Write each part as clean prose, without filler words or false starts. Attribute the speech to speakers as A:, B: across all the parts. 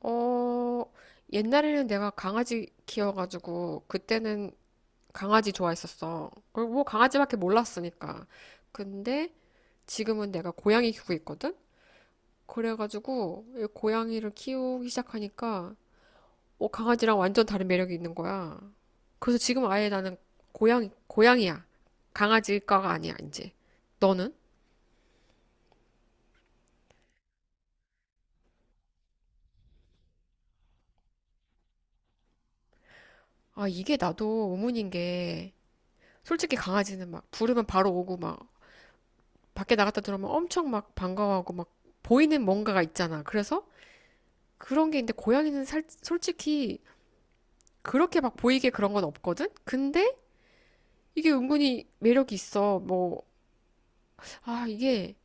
A: 어, 옛날에는 내가 강아지 키워가지고, 그때는 강아지 좋아했었어. 그리고 뭐 강아지밖에 몰랐으니까. 근데 지금은 내가 고양이 키우고 있거든? 그래가지고, 이 고양이를 키우기 시작하니까, 강아지랑 완전 다른 매력이 있는 거야. 그래서 지금 아예 나는 고양이, 고양이야. 강아지과가 아니야, 이제. 너는? 아, 이게 나도 의문인 게, 솔직히 강아지는 막 부르면 바로 오고 막 밖에 나갔다 들어오면 엄청 막 반가워하고 막 보이는 뭔가가 있잖아. 그래서 그런 게 있는데 고양이는 솔직히 그렇게 막 보이게 그런 건 없거든? 근데 이게 은근히 매력이 있어. 뭐, 아, 이게,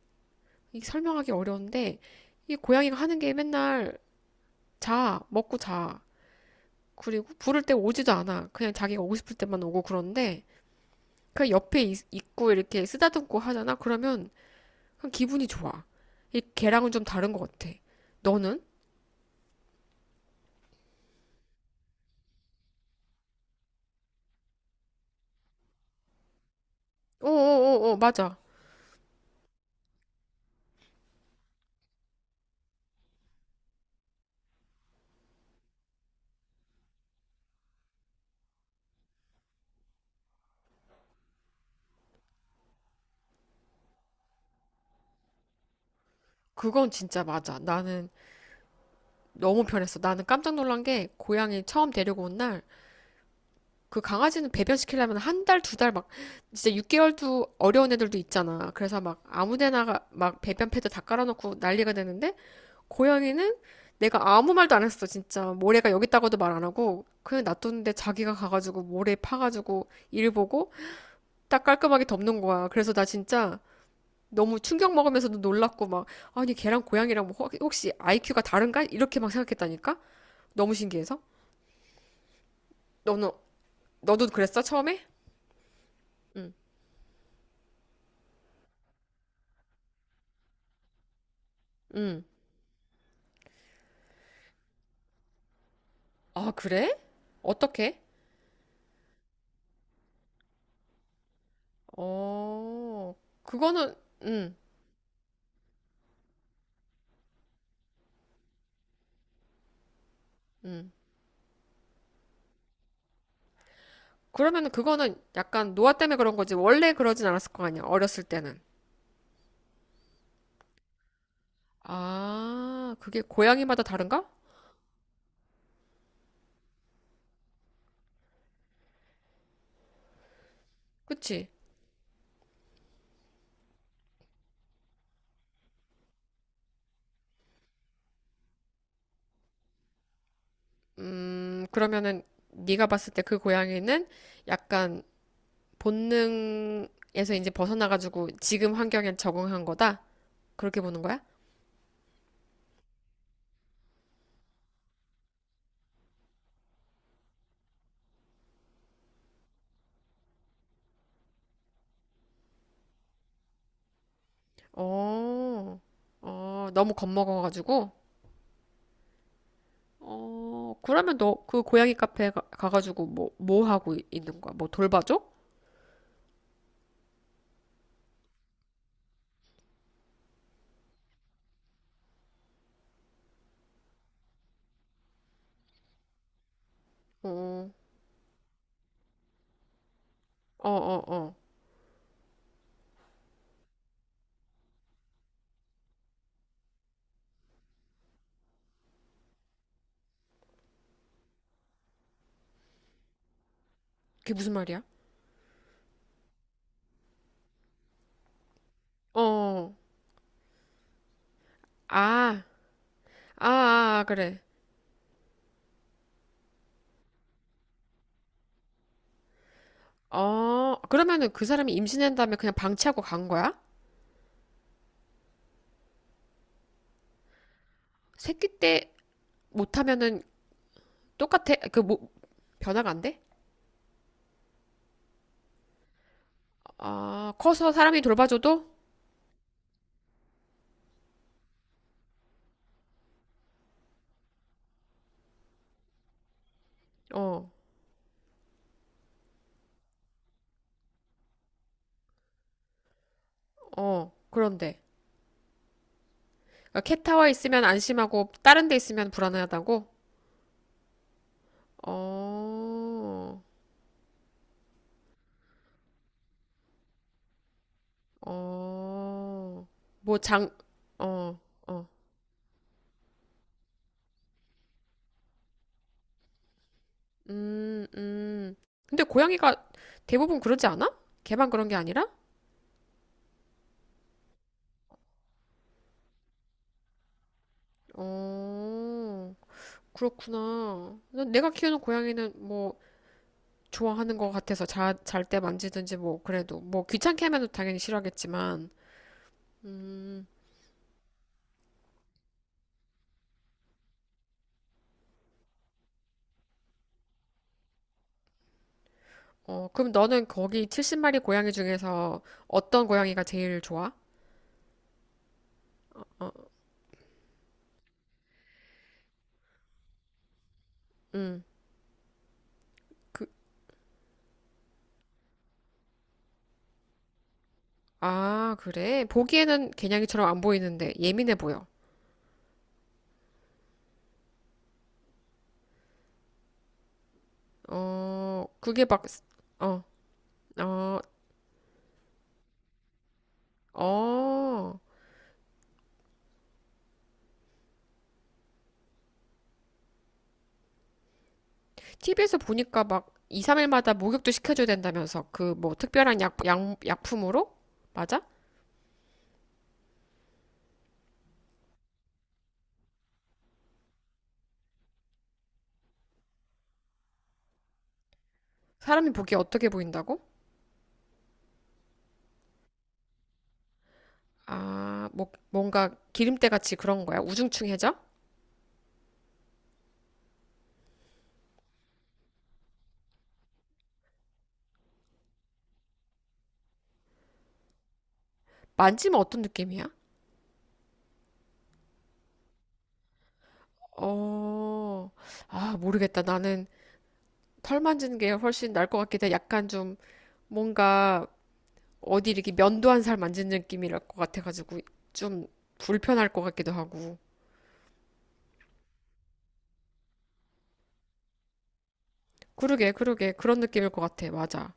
A: 이게 설명하기 어려운데 이 고양이가 하는 게 맨날 자, 먹고 자. 그리고 부를 때 오지도 않아. 그냥 자기가 오고 싶을 때만 오고 그런데 그냥 옆에 있고 이렇게 쓰다듬고 하잖아. 그러면 그냥 기분이 좋아. 이 걔랑은 좀 다른 것 같아. 너는? 오오오오 맞아. 그건 진짜 맞아. 나는 너무 편했어. 나는 깜짝 놀란 게 고양이 처음 데리고 온 날 그 강아지는 배변시키려면 1달, 2달 막 진짜 6개월도 어려운 애들도 있잖아. 그래서 막 아무 데나 막 배변 패드 다 깔아놓고 난리가 되는데 고양이는 내가 아무 말도 안 했어. 진짜 모래가 여기 있다고도 말 안 하고 그냥 놔뒀는데 자기가 가가지고 모래 파가지고 일 보고 딱 깔끔하게 덮는 거야. 그래서 나 진짜 너무 충격 먹으면서도 놀랐고 막 아니 걔랑 고양이랑 뭐 시시 IQ가 다른가? 이렇게 막 생각했다니까? 너무 신기해서. 너는? 너도 그랬어 처음에? 응. 아, 그래? 어떻게? 어, 그거는. 응, 응. 그러면은 그거는 약간 노화 때문에 그런 거지 원래 그러진 않았을 거 아니야 어렸을 때는. 아, 그게 고양이마다 다른가? 그치? 음, 그러면은 네가 봤을 때 그 고양이는 약간 본능에서 이제 벗어나가지고 지금 환경에 적응한 거다? 그렇게 보는 거야? 어, 어, 너무 겁먹어가지고? 어, 그러면 너 그 고양이 카페 가가지고 뭐 하고 있는 거야? 뭐 돌봐줘? 어, 어, 어, 어. 그게 무슨 말이야? 어, 아, 아, 아, 아, 그래. 어, 그러면은 그 사람이 임신한 다음에 그냥 방치하고 간 거야? 새끼 때 못하면은 똑같아. 그, 뭐, 변화가 안 돼? 아, 커서 사람이 돌봐줘도? 어, 어, 그런데. 그러니까 캣타워 있으면 안심하고 다른 데 있으면 불안하다고? 어, 어, 뭐 어, 어, 음, 음. 근데 고양이가 대부분 그러지 않아? 걔만 그런 게 아니라? 어, 그렇구나. 난 내가 키우는 고양이는 뭐 좋아하는 것 같아서 잘때 만지든지 뭐 그래도 뭐 귀찮게 하면 당연히 싫어하겠지만, 음. 어, 그럼 너는 거기 70마리 고양이 중에서 어떤 고양이가 제일 좋아? 어, 음. 그, 아, 그래? 보기에는 개냥이처럼 안 보이는데 예민해 보여. 어, 그게 막, 어, 어, 어. TV에서 보니까 막 2, 3일마다 목욕도 시켜줘야 된다면서 그 뭐 특별한 약품으로? 맞아? 사람이 보기에 어떻게 보인다고? 아, 뭐, 뭔가 기름때 같이 그런 거야? 우중충해져? 만지면 어떤 느낌이야? 어, 아, 모르겠다. 나는 털 만지는 게 훨씬 나을 것 같긴 해. 약간 좀 뭔가 어디 이렇게 면도한 살 만지는 느낌이랄 것 같아가지고 좀 불편할 것 같기도 하고. 그러게, 그러게. 그런 느낌일 것 같아. 맞아.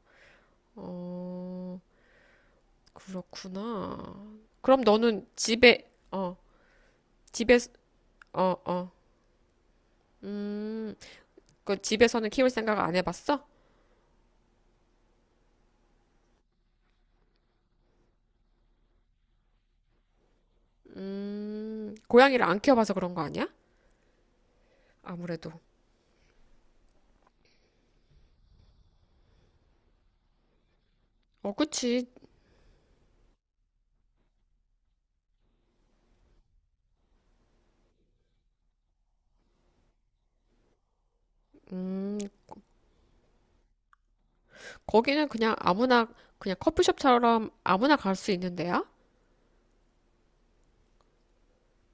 A: 어, 그렇구나. 그럼 너는 집에, 어, 어. 음, 그 집에서는 키울 생각 안 해봤어? 고양이를 안 키워봐서 그런 거 아니야? 아무래도. 어, 그치. 음, 거기는 그냥 커피숍처럼 아무나 갈 수 있는데요?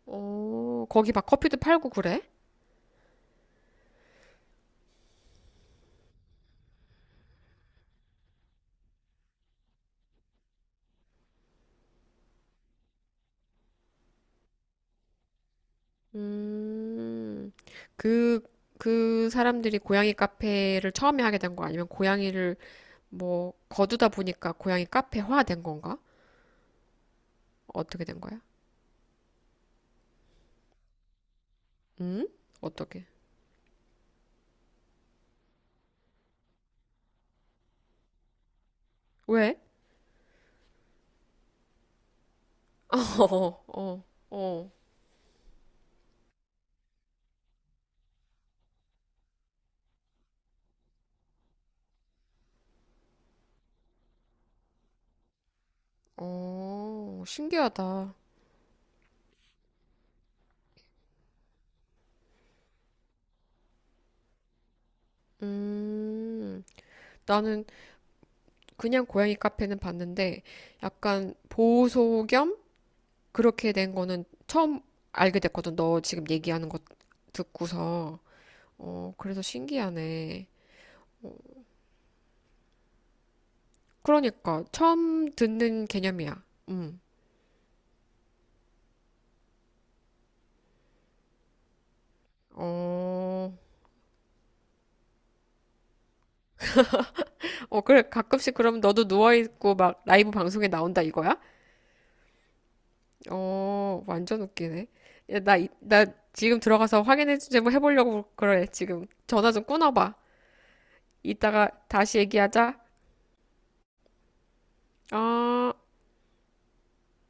A: 어, 거기 막 커피도 팔고 그래? 음, 그, 그, 사람들이 고양이 카페를 처음에 하게 된거 아니면 고양이를 뭐 거두다 보니까 고양이 카페화 된 건가? 어떻게 된 거야? 음? 어떻게? 왜? 어, 어, 어, 어, 신기하다. 음, 나는 그냥 고양이 카페는 봤는데 약간 보호소 겸 그렇게 된 거는 처음 알게 됐거든. 너 지금 얘기하는 거 듣고서. 어, 그래서 신기하네. 어, 그러니까 처음 듣는 개념이야. 음. 어, 어, 그래. 가끔씩 그럼 너도 누워있고 막 라이브 방송에 나온다 이거야? 어, 완전 웃기네. 야, 나 지금 들어가서 확인해 주제 뭐 해보려고 그래. 지금 전화 좀 끊어봐. 이따가 다시 얘기하자. 어.